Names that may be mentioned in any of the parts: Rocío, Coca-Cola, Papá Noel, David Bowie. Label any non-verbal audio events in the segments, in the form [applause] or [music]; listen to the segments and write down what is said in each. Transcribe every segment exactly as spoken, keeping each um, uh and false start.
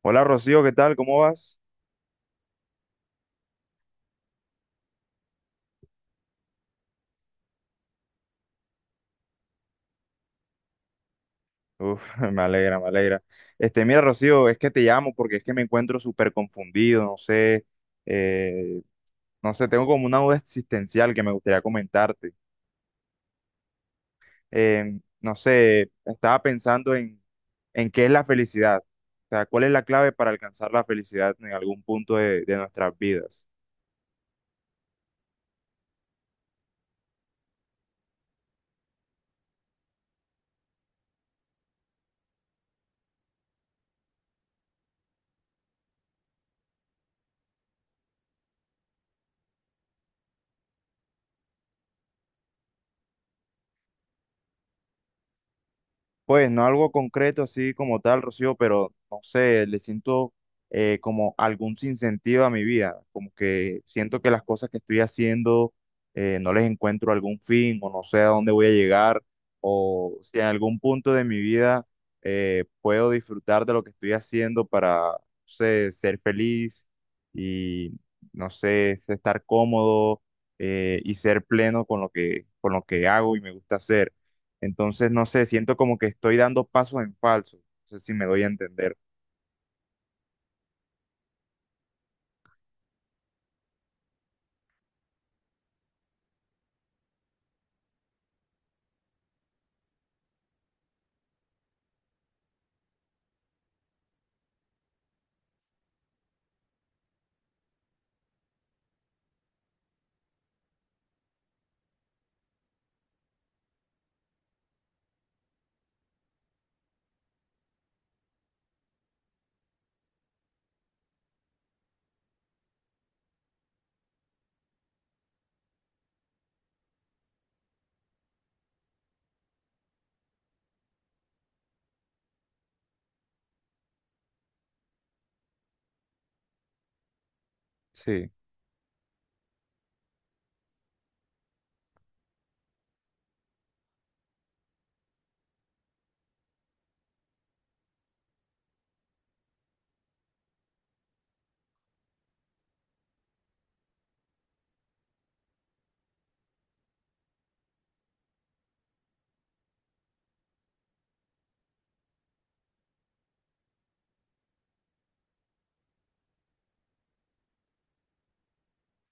Hola Rocío, ¿qué tal? ¿Cómo vas? Uf, [laughs] me alegra, me alegra. Este, mira Rocío, es que te llamo porque es que me encuentro súper confundido, no sé, eh, no sé, tengo como una duda existencial que me gustaría comentarte. Eh, no sé, estaba pensando en, en qué es la felicidad, o sea, cuál es la clave para alcanzar la felicidad en algún punto de, de nuestras vidas. Pues no algo concreto así como tal, Rocío, pero no sé, le siento eh, como algún sinsentido a mi vida, como que siento que las cosas que estoy haciendo eh, no les encuentro algún fin o no sé a dónde voy a llegar o si en algún punto de mi vida eh, puedo disfrutar de lo que estoy haciendo para, no sé, ser feliz y, no sé, estar cómodo eh, y ser pleno con lo que, con lo que hago y me gusta hacer. Entonces, no sé, siento como que estoy dando pasos en falso. No sé si me doy a entender. Sí,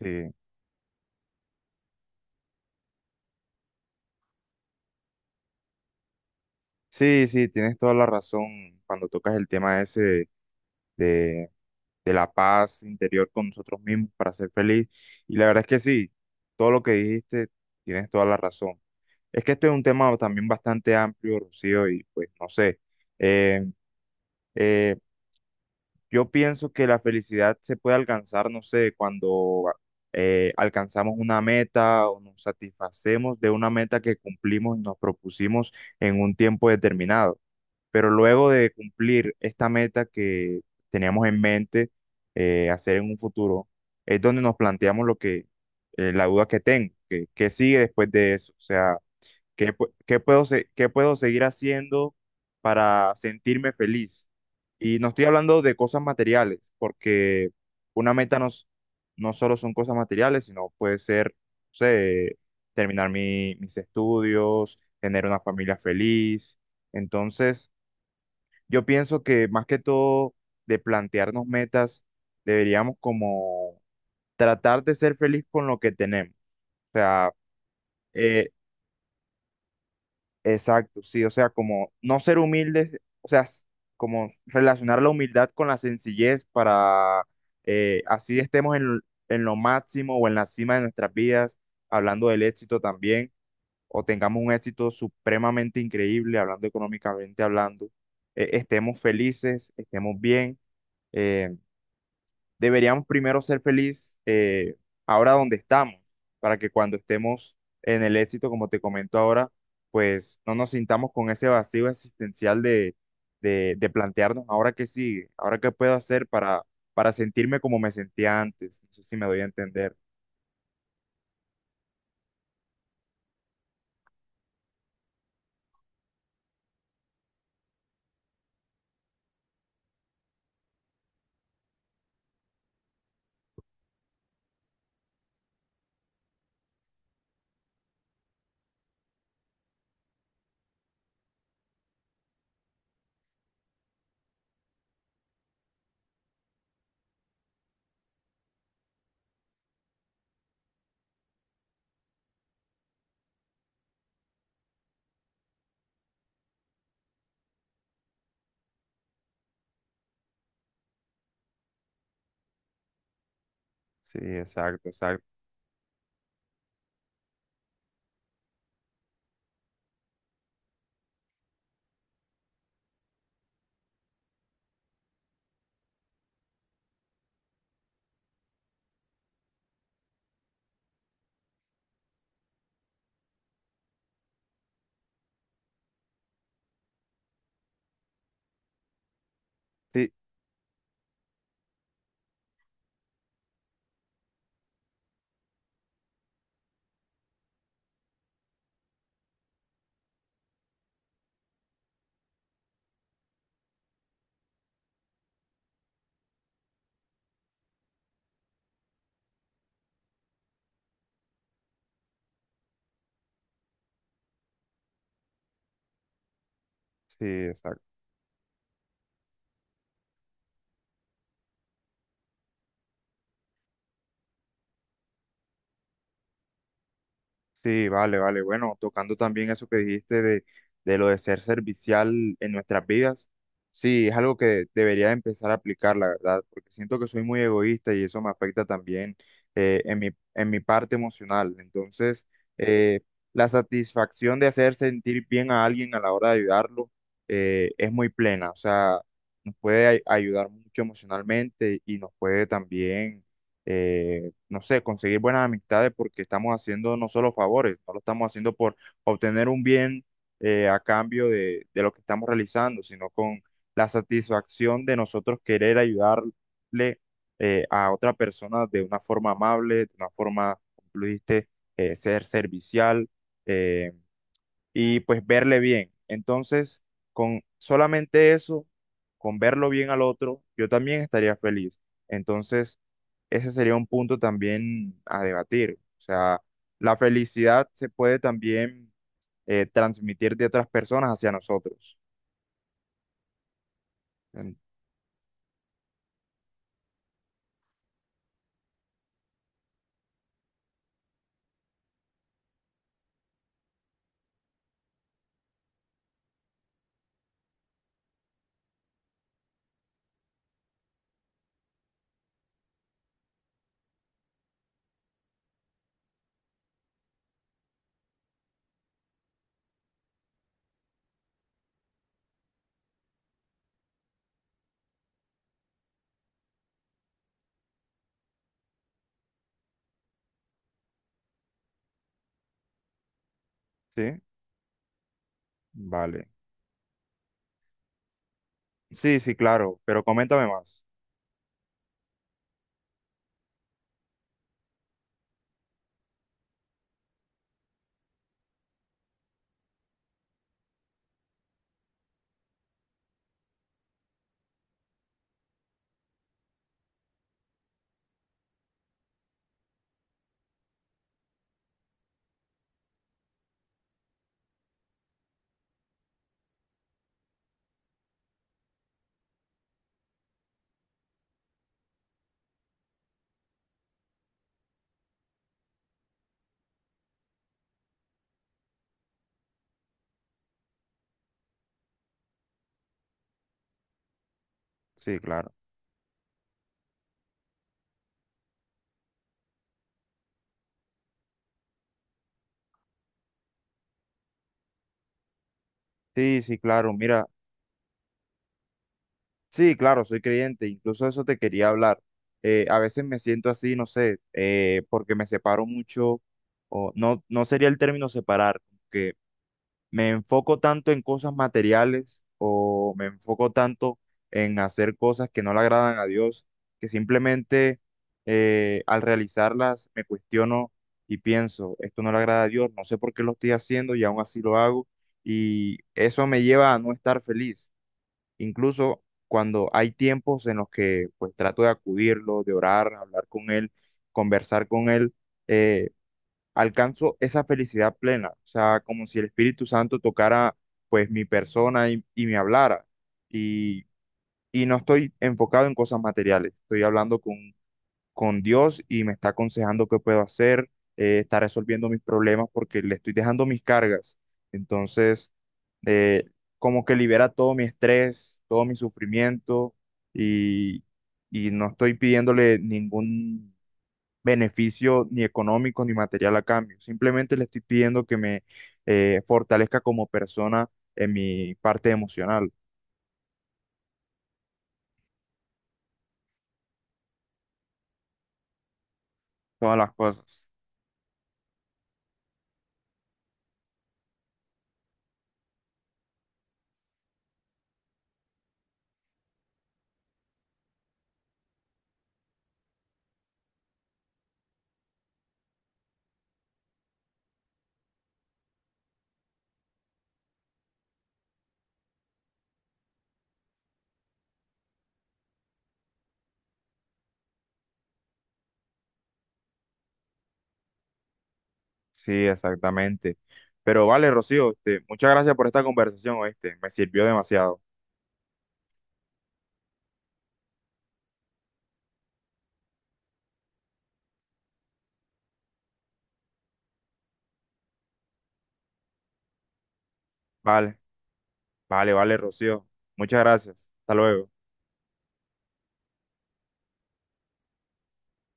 sí, sí, sí, tienes toda la razón cuando tocas el tema ese de, de- de la paz interior con nosotros mismos para ser feliz. Y la verdad es que sí, todo lo que dijiste, tienes toda la razón. Es que esto es un tema también bastante amplio, Rocío, y pues no sé. eh, eh, Yo pienso que la felicidad se puede alcanzar, no sé, cuando eh, alcanzamos una meta o nos satisfacemos de una meta que cumplimos y nos propusimos en un tiempo determinado. Pero luego de cumplir esta meta que teníamos en mente eh, hacer en un futuro, es donde nos planteamos lo que, eh, la duda que tengo, que, qué sigue después de eso. O sea, ¿qué, pu- qué puedo, se- qué puedo seguir haciendo para sentirme feliz? Y no estoy hablando de cosas materiales, porque una meta no, s- no solo son cosas materiales, sino puede ser, no sé, terminar mi- mis estudios, tener una familia feliz. Entonces, yo pienso que más que todo de plantearnos metas, deberíamos como tratar de ser feliz con lo que tenemos. O sea, eh, exacto, sí, o sea, como no ser humildes, o sea, s- como relacionar la humildad con la sencillez para eh, así estemos en, l- en lo máximo o en la cima de nuestras vidas, hablando del éxito también, o tengamos un éxito supremamente increíble, hablando económicamente hablando, eh, estemos felices, estemos bien, eh, deberíamos primero ser feliz eh, ahora donde estamos, para que cuando estemos en el éxito, como te comento ahora, pues no nos sintamos con ese vacío existencial de, de, de plantearnos ahora qué sigue, ahora qué puedo hacer para, para sentirme como me sentía antes. No sé si me doy a entender. Sí, exacto, exacto. Sí, sí, exacto. Sí, vale, vale. Bueno, tocando también eso que dijiste de, de lo de ser servicial en nuestras vidas, sí, es algo que debería empezar a aplicar, la verdad, porque siento que soy muy egoísta y eso me afecta también eh, en mi, en mi parte emocional. Entonces, eh, la satisfacción de hacer sentir bien a alguien a la hora de ayudarlo eh, es muy plena, o sea, nos puede ay- ayudar mucho emocionalmente y nos puede también... eh, no sé, conseguir buenas amistades porque estamos haciendo no solo favores, no lo estamos haciendo por obtener un bien eh, a cambio de, de lo que estamos realizando, sino con la satisfacción de nosotros querer ayudarle eh, a otra persona de una forma amable, de una forma, como tú dijiste, eh, ser servicial. eh, y pues verle bien. Entonces, con solamente eso, con verlo bien al otro, yo también estaría feliz. Entonces, ese sería un punto también a debatir. O sea, la felicidad se puede también eh, transmitir de otras personas hacia nosotros. En- ¿Sí? Vale. Sí, sí, claro, pero coméntame más. Sí, claro. Sí, sí, claro. Mira. Sí, claro, soy creyente, incluso eso te quería hablar. Eh, a veces me siento así, no sé, eh, porque me separo mucho, o no, no sería el término separar, que me enfoco tanto en cosas materiales o me enfoco tanto en hacer cosas que no le agradan a Dios, que simplemente eh, al realizarlas me cuestiono y pienso, esto no le agrada a Dios, no sé por qué lo estoy haciendo y aún así lo hago, y eso me lleva a no estar feliz. Incluso cuando hay tiempos en los que pues trato de acudirlo, de orar, hablar con él, conversar con él, eh, alcanzo esa felicidad plena, o sea, como si el Espíritu Santo tocara pues mi persona y, y me hablara. Y, y no estoy enfocado en cosas materiales, estoy hablando con con Dios y me está aconsejando qué puedo hacer, eh, está resolviendo mis problemas porque le estoy dejando mis cargas. Entonces, eh, como que libera todo mi estrés, todo mi sufrimiento y, y no estoy pidiéndole ningún beneficio ni económico ni material a cambio. Simplemente le estoy pidiendo que me eh, fortalezca como persona en mi parte emocional, todas las cosas. Sí, exactamente. Pero vale, Rocío, este, muchas gracias por esta conversación, ¿oíste? Me sirvió demasiado. Vale, vale, vale, Rocío. Muchas gracias. Hasta luego.